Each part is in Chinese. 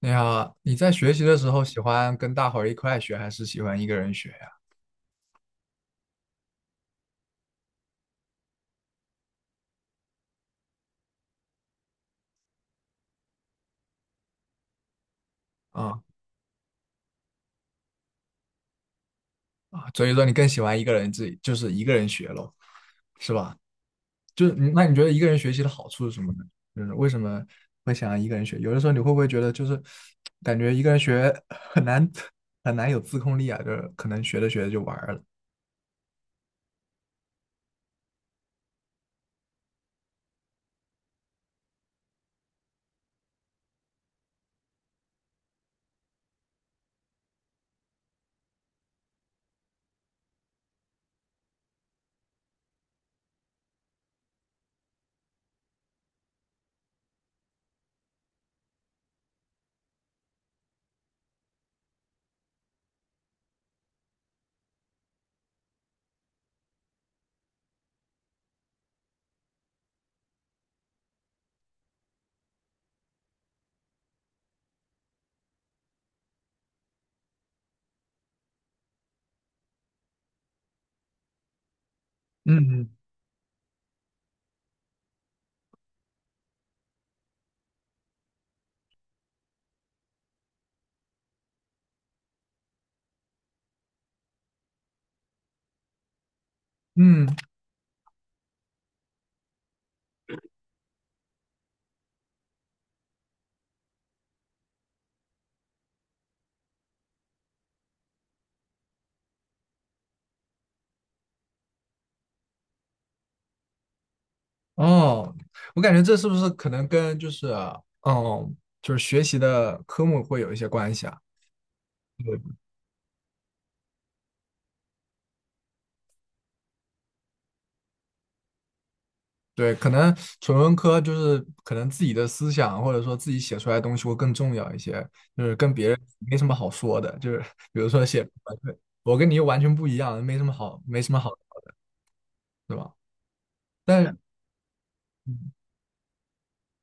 你好，你在学习的时候喜欢跟大伙儿一块学，还是喜欢一个人学呀？啊所以说你更喜欢一个人自己，就是一个人学咯，是吧？你觉得一个人学习的好处是什么呢？就是为什么会想要一个人学？有的时候你会不会觉得就是感觉一个人学很难很难有自控力啊？就是可能学着学着就玩儿了。嗯嗯嗯，哦，我感觉这是不是可能跟就是学习的科目会有一些关系啊？对对，可能纯文科就是可能自己的思想或者说自己写出来的东西会更重要一些，就是跟别人没什么好说的，就是比如说写，对，我跟你又完全不一样，没什么好，对吧？但是，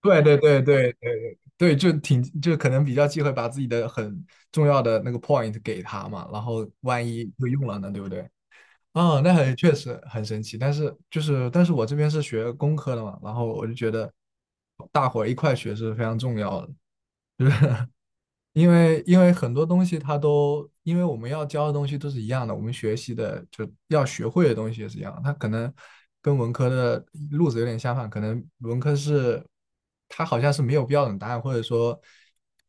对对对对对对，就挺就可能比较忌讳把自己的很重要的那个 point 给他嘛，然后万一就用了呢，对不对？啊，那很确实很神奇，但是就是，但是我这边是学工科的嘛，然后我就觉得大伙儿一块学是非常重要的。因为因为很多东西它都，因为我们要教的东西都是一样的，我们学习的就要学会的东西也是一样的它可能跟文科的路子有点相反，可能文科是它好像是没有标准答案，或者说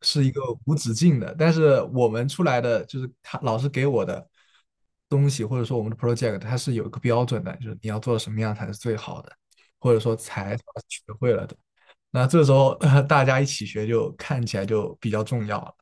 是一个无止境的。但是我们出来的就是他老师给我的东西，或者说我们的 project，它是有一个标准的，就是你要做的什么样才是最好的，或者说才算是学会了的。那这时候，大家一起学就看起来就比较重要了。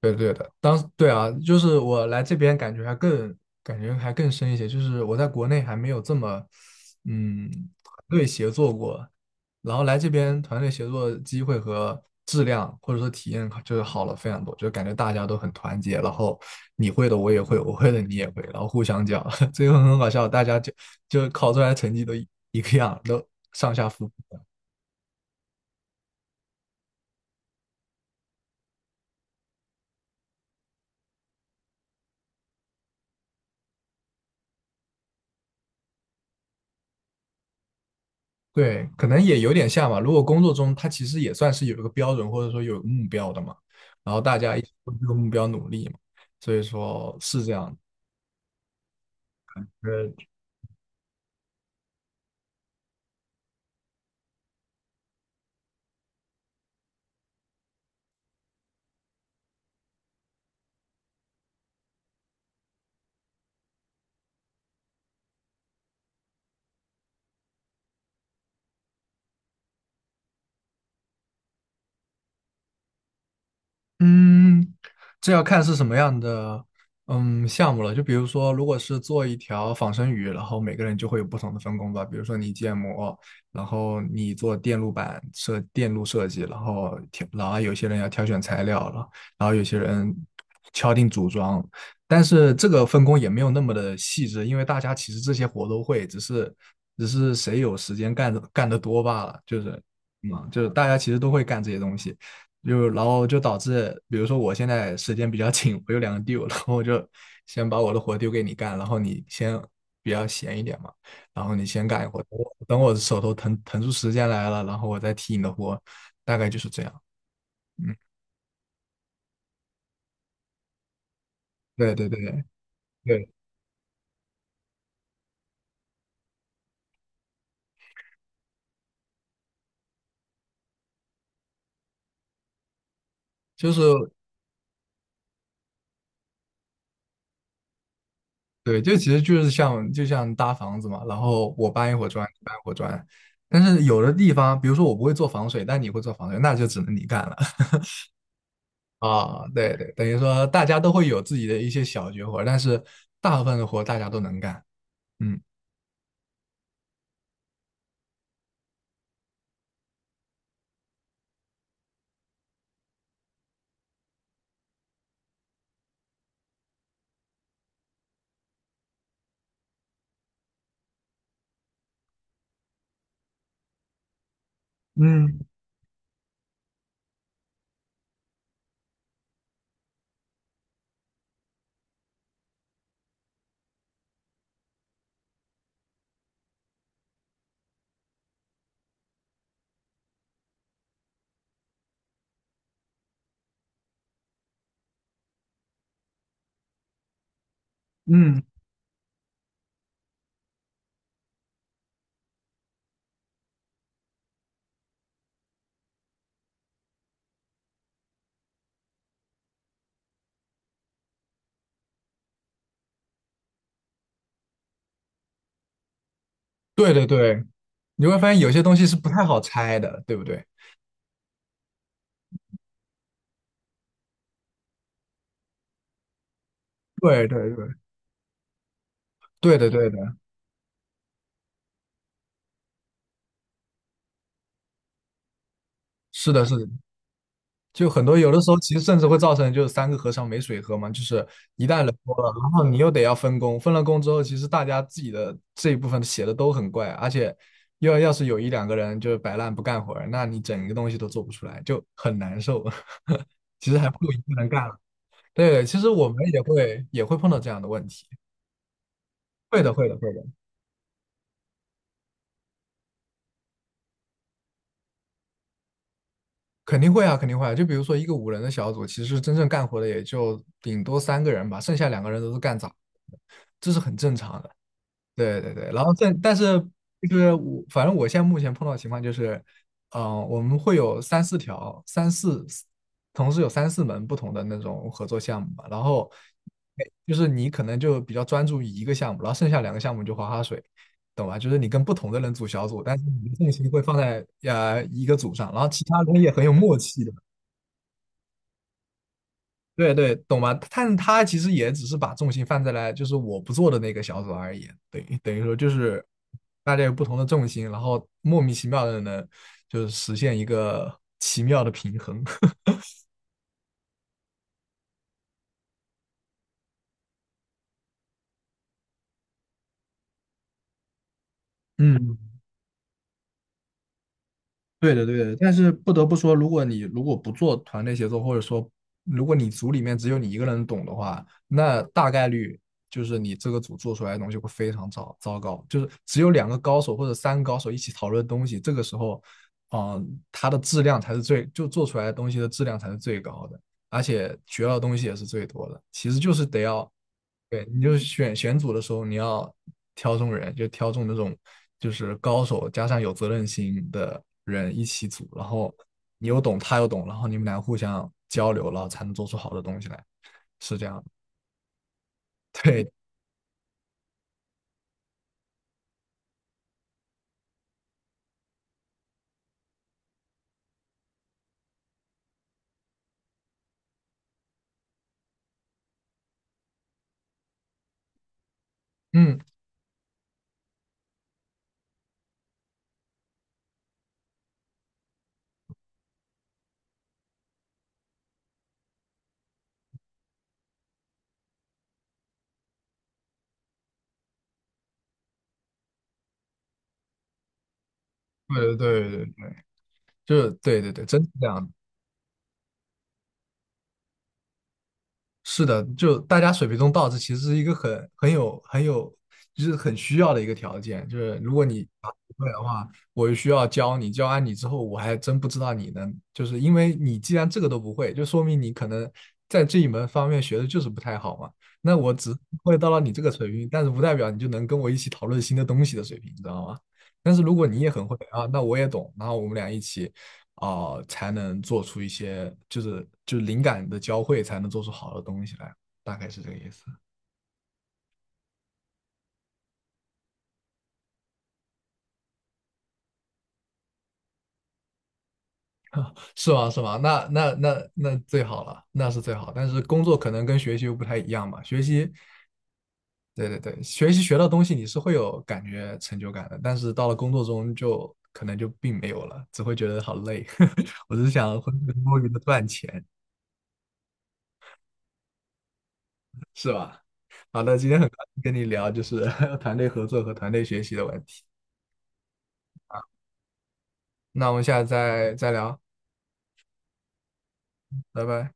对的对的，当对啊，就是我来这边感觉还更深一些，就是我在国内还没有这么嗯团队协作过，然后来这边团队协作机会和质量或者说体验就是好了非常多，就感觉大家都很团结，然后你会的我也会，我会的你也会，然后互相讲，最后很搞笑，大家就考出来成绩都一个样，都上下浮。对，可能也有点像吧。如果工作中他其实也算是有一个标准，或者说有一个目标的嘛，然后大家一起为这个目标努力嘛，所以说是这样。呃嗯，这要看是什么样的项目了。就比如说，如果是做一条仿生鱼，然后每个人就会有不同的分工吧。比如说你建模，然后你做电路设计，然后然后有些人要挑选材料了，然后有些人敲定组装。但是这个分工也没有那么的细致，因为大家其实这些活都会，只是谁有时间干的干得多罢了。就是，嗯，就是大家其实都会干这些东西。就然后就导致，比如说我现在时间比较 紧，我有两个 due，然后我就先把我的活丢给你干，然后你先比较闲一点嘛，然后你先干一会儿，等我手头腾出时间来了，然后我再替你的活，大概就是这样。嗯，对对对对对，就是对，就其实就是就像搭房子嘛，然后我搬一会儿砖，你搬一会儿砖，但是有的地方，比如说我不会做防水，但你会做防水，那就只能你干了。啊，对对，等于说大家都会有自己的一些小绝活，但是大部分的活大家都能干。嗯嗯嗯，对对对，你会发现有些东西是不太好拆的，对不对？对对对，对的对的，是的是的，就很多有的时候其实甚至会造成就是三个和尚没水喝嘛，就是一旦人多了，然后你又得要分工，分了工之后，其实大家自己的这一部分写的都很怪，而且要是有一两个人就是摆烂不干活儿那你整个东西都做不出来，就很难受。其实还不如一个人干了。对，其实我们也会碰到这样的问题，会的，会的，会的，肯定会啊，肯定会啊。就比如说一个五人的小组，其实真正干活的也就顶多三个人吧，剩下两个人都是干杂活的这是很正常的。对对对，然后但但是就是我反正我现在目前碰到的情况就是，嗯、我们会有三四条、三四同时有三四门不同的那种合作项目吧，然后哎就是你可能就比较专注于一个项目，然后剩下两个项目就划划水，懂吧？就是你跟不同的人组小组，但是你的重心会放在一个组上，然后其他人也很有默契的。对对，懂吧？但他其实也只是把重心放在了就是我不做的那个小组而已，等于说就是大家有不同的重心，然后莫名其妙的呢，就是实现一个奇妙的平衡。嗯，对的，对的，但是不得不说，如果不做团队协作，或者说如果你组里面只有你一个人懂的话，那大概率就是你这个组做出来的东西会非常糟糕。就是只有两个高手或者三个高手一起讨论东西，这个时候，嗯、它的质量才是最，就做出来的东西的质量才是最高的，而且学到的东西也是最多的。其实就是得要，对，你就是选组的时候，你要挑中人，就挑中那种就是高手加上有责任心的人一起组，然后你又懂，他又懂，然后你们俩互相交流，才能做出好的东西来，是这样的。对，嗯，对对对对对，就是对对对，真是这样的是的，就大家水平中到，这其实是一个很很有很有，就是很需要的一个条件。就是如果你答不会的话，我就需要教你，教完你之后，我还真不知道你能，就是因为你既然这个都不会，就说明你可能在这一门方面学的就是不太好嘛。那我只会到了你这个水平，但是不代表你就能跟我一起讨论新的东西的水平，你知道吗？但是如果你也很会啊，那我也懂，然后我们俩一起才能做出一些就是灵感的交汇，才能做出好的东西来，大概是这个意思，是吗？是吗？那最好了，那是最好。但是工作可能跟学习又不太一样嘛，学习，对对对，学习学到东西你是会有感觉成就感的，但是到了工作中就可能就并没有了，只会觉得好累。我只是想浑水摸鱼的赚钱，是吧？好的，今天很高兴跟你聊就是 团队合作和团队学习的问题，那我们下次再聊，拜拜。